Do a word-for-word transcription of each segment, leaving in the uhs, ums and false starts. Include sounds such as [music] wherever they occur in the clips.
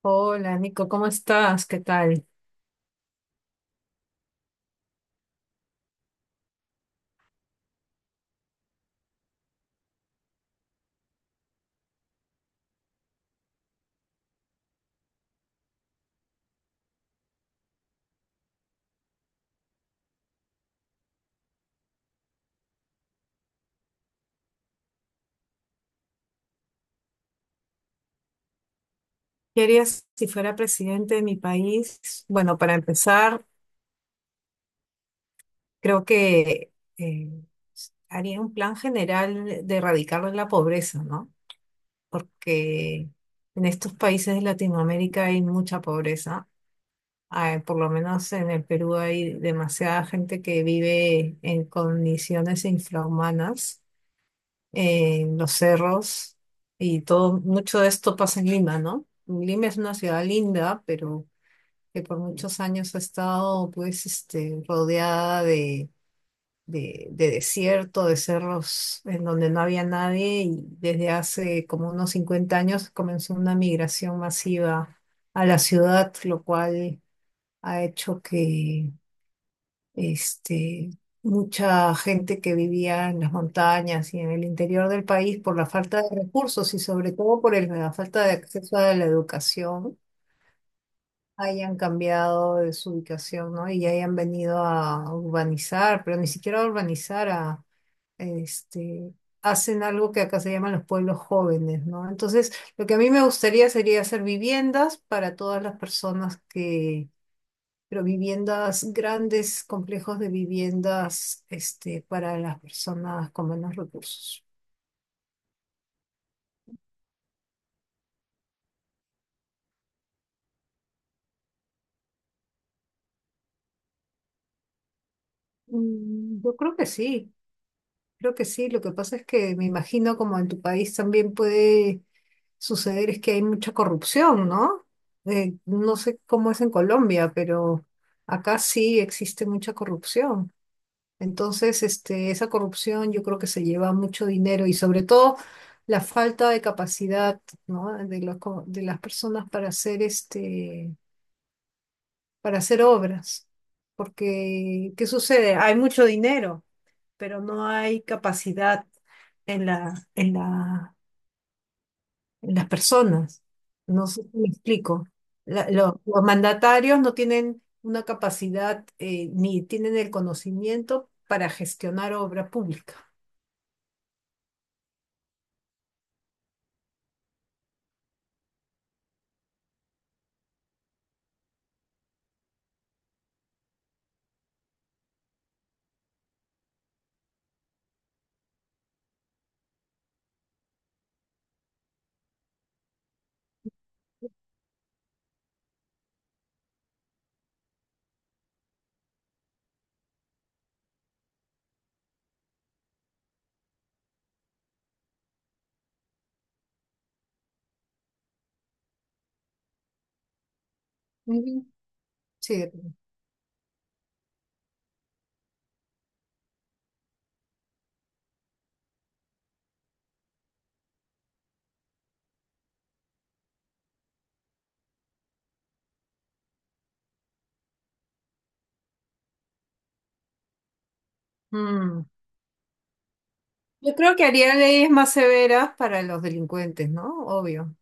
Hola, Nico, ¿cómo estás? ¿Qué tal? ¿Qué harías si fuera presidente de mi país? Bueno, para empezar, creo que eh, haría un plan general de erradicar la pobreza, ¿no? Porque en estos países de Latinoamérica hay mucha pobreza. Ah, por lo menos en el Perú hay demasiada gente que vive en condiciones infrahumanas en los cerros y todo. Mucho de esto pasa en Lima, ¿no? Lima es una ciudad linda, pero que por muchos años ha estado pues este, rodeada de, de, de desierto, de cerros en donde no había nadie, y desde hace como unos cincuenta años comenzó una migración masiva a la ciudad, lo cual ha hecho que este, mucha gente que vivía en las montañas y en el interior del país por la falta de recursos y sobre todo por el- la falta de acceso a la educación, hayan cambiado de su ubicación, ¿no? Y hayan venido a urbanizar, pero ni siquiera a urbanizar, a, este, hacen algo que acá se llaman los pueblos jóvenes, ¿no? Entonces, lo que a mí me gustaría sería hacer viviendas para todas las personas, pero viviendas grandes, complejos de viviendas, este, para las personas con menos recursos. Mm, Yo creo que sí, creo que sí. Lo que pasa es que, me imagino como en tu país también puede suceder, es que hay mucha corrupción, ¿no? Eh, no sé cómo es en Colombia, pero acá sí existe mucha corrupción. Entonces, este, esa corrupción yo creo que se lleva mucho dinero, y sobre todo la falta de capacidad, ¿no? De los co- de las personas para hacer, este, para hacer obras. Porque, ¿qué sucede? Hay mucho dinero, pero no hay capacidad en la, en la, en las personas. No sé si me explico. La- lo- los mandatarios no tienen una capacidad, eh, ni tienen el conocimiento para gestionar obra pública. Ujú. Siete. Mm. Yo creo que haría leyes más severas para los delincuentes, ¿no? Obvio.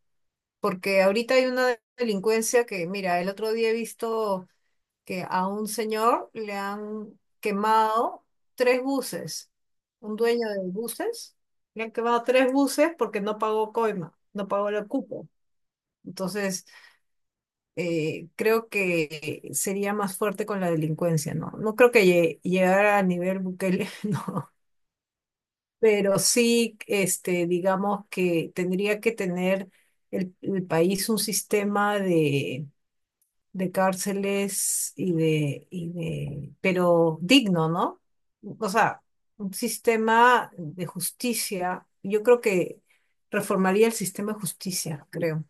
Porque ahorita hay una delincuencia que, mira, el otro día he visto que a un señor le han quemado tres buses. Un dueño de buses, le han quemado tres buses porque no pagó coima, no pagó el cupo. Entonces, eh, creo que sería más fuerte con la delincuencia, ¿no? No creo que llegue- llegara a nivel Bukele, [laughs] no. Pero sí, este, digamos que tendría que tener el, el país un sistema de, de cárceles y de, y de, pero digno, ¿no? O sea, un sistema de justicia. Yo creo que reformaría el sistema de justicia, creo.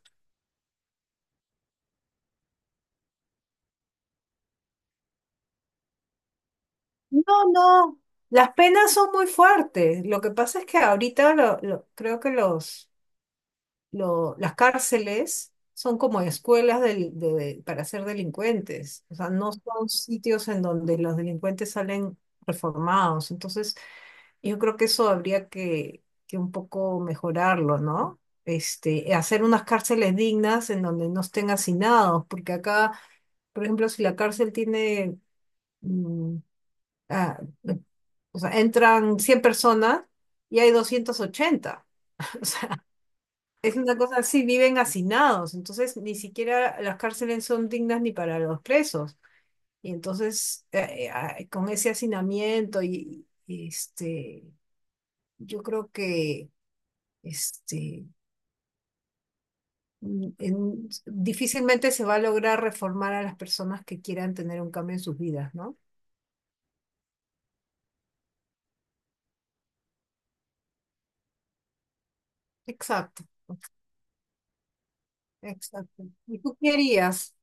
No, no, las penas son muy fuertes. Lo que pasa es que ahorita lo- lo- creo que los lo- las cárceles son como escuelas del- de- para ser delincuentes. O sea, no son sitios en donde los delincuentes salen reformados. Entonces, yo creo que eso habría que, que un poco mejorarlo, ¿no? Este, hacer unas cárceles dignas en donde no estén hacinados, porque acá, por ejemplo, si la cárcel tiene, mm, ah, o sea, entran cien personas y hay doscientas ochenta. Es una cosa así, viven hacinados. Entonces ni siquiera las cárceles son dignas ni para los presos. Y entonces, eh, eh, ah, con ese hacinamiento, y, y, este, yo creo que este, mm, en- difícilmente se va a lograr reformar a las personas que quieran tener un cambio en sus vidas, ¿no? Exacto, exacto. ¿Y tú qué harías?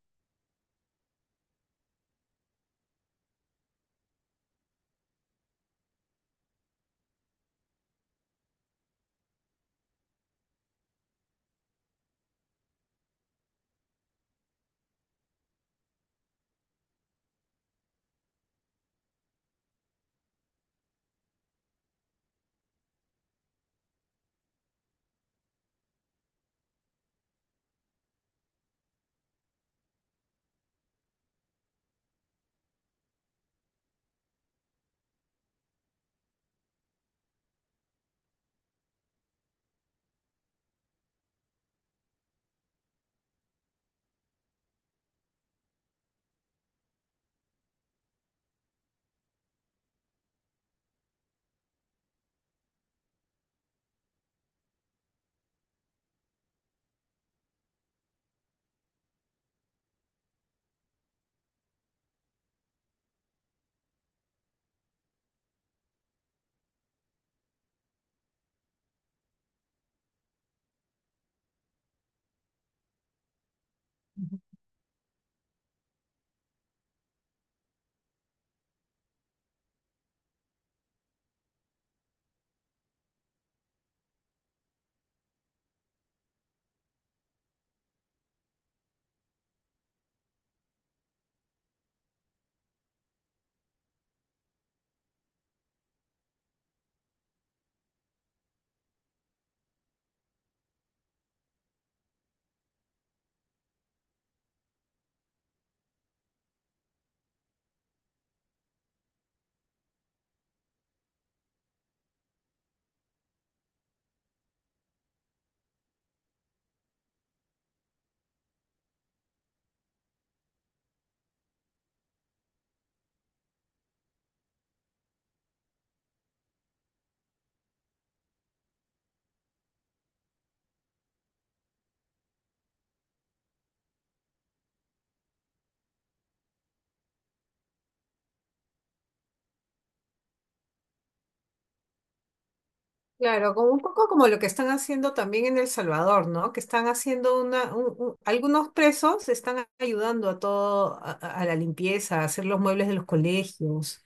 Claro, como un poco como lo que están haciendo también en El Salvador, ¿no? Que están haciendo una, un- un- algunos presos están ayudando a todo, a, a a la limpieza, a hacer los muebles de los colegios,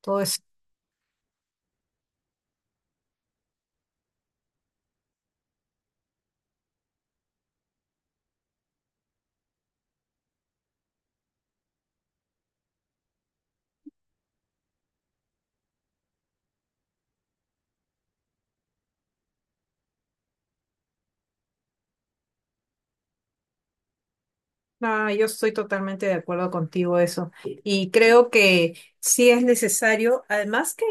todo eso. Ah, yo estoy totalmente de acuerdo contigo eso. Y creo que sí es necesario, además que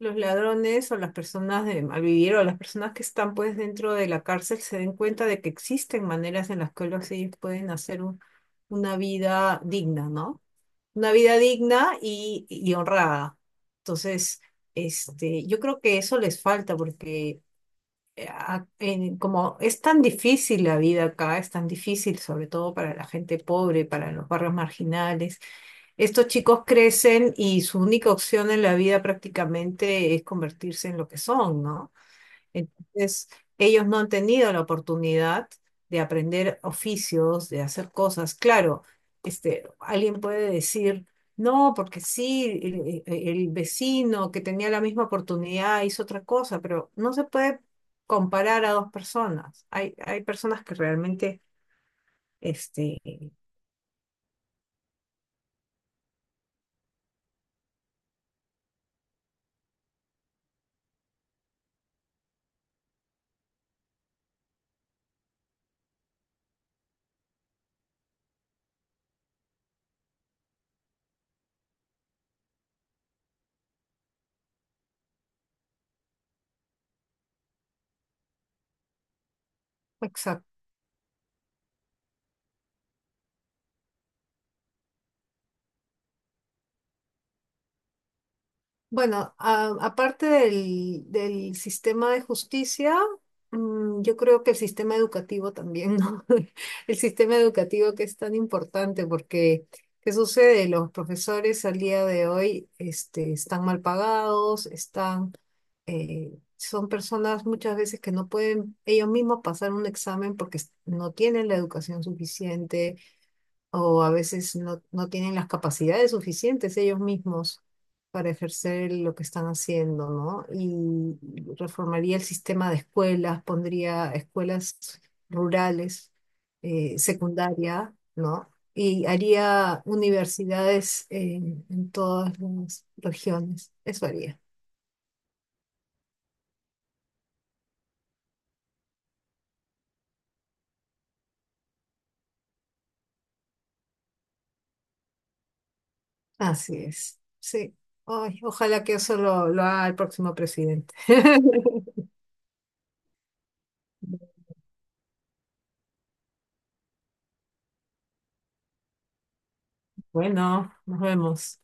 los ladrones, o las personas de malvivir, o las personas que están pues dentro de la cárcel, se den cuenta de que existen maneras en las que ellos pueden hacer un- una vida digna, ¿no? Una vida digna y, y honrada. Entonces, este, yo creo que eso les falta, porque eh, a- en- como es tan difícil la vida acá, es tan difícil sobre todo para la gente pobre, para los barrios marginales, estos chicos crecen y su única opción en la vida prácticamente es convertirse en lo que son, ¿no? Entonces, ellos no han tenido la oportunidad de aprender oficios, de hacer cosas. Claro, este, alguien puede decir, no, porque sí, el, el- el vecino que tenía la misma oportunidad hizo otra cosa. Pero no se puede comparar a dos personas. Hay, hay personas que realmente, este, bueno, a- aparte del, del sistema de justicia, mm, yo creo que el sistema educativo también, ¿no? [laughs] El sistema educativo que es tan importante porque, ¿qué sucede? Los profesores al día de hoy, este, están mal pagados, están, eh, son personas muchas veces que no pueden ellos mismos pasar un examen porque no tienen la educación suficiente, o a veces no, no tienen las capacidades suficientes ellos mismos para ejercer lo que están haciendo, ¿no? Y reformaría el sistema de escuelas, pondría escuelas rurales, eh, secundaria, ¿no? Y haría universidades en, en todas las regiones. Eso haría. Así es. Sí. Ay, ojalá que eso lo, lo haga el próximo presidente. [laughs] Bueno, nos vemos.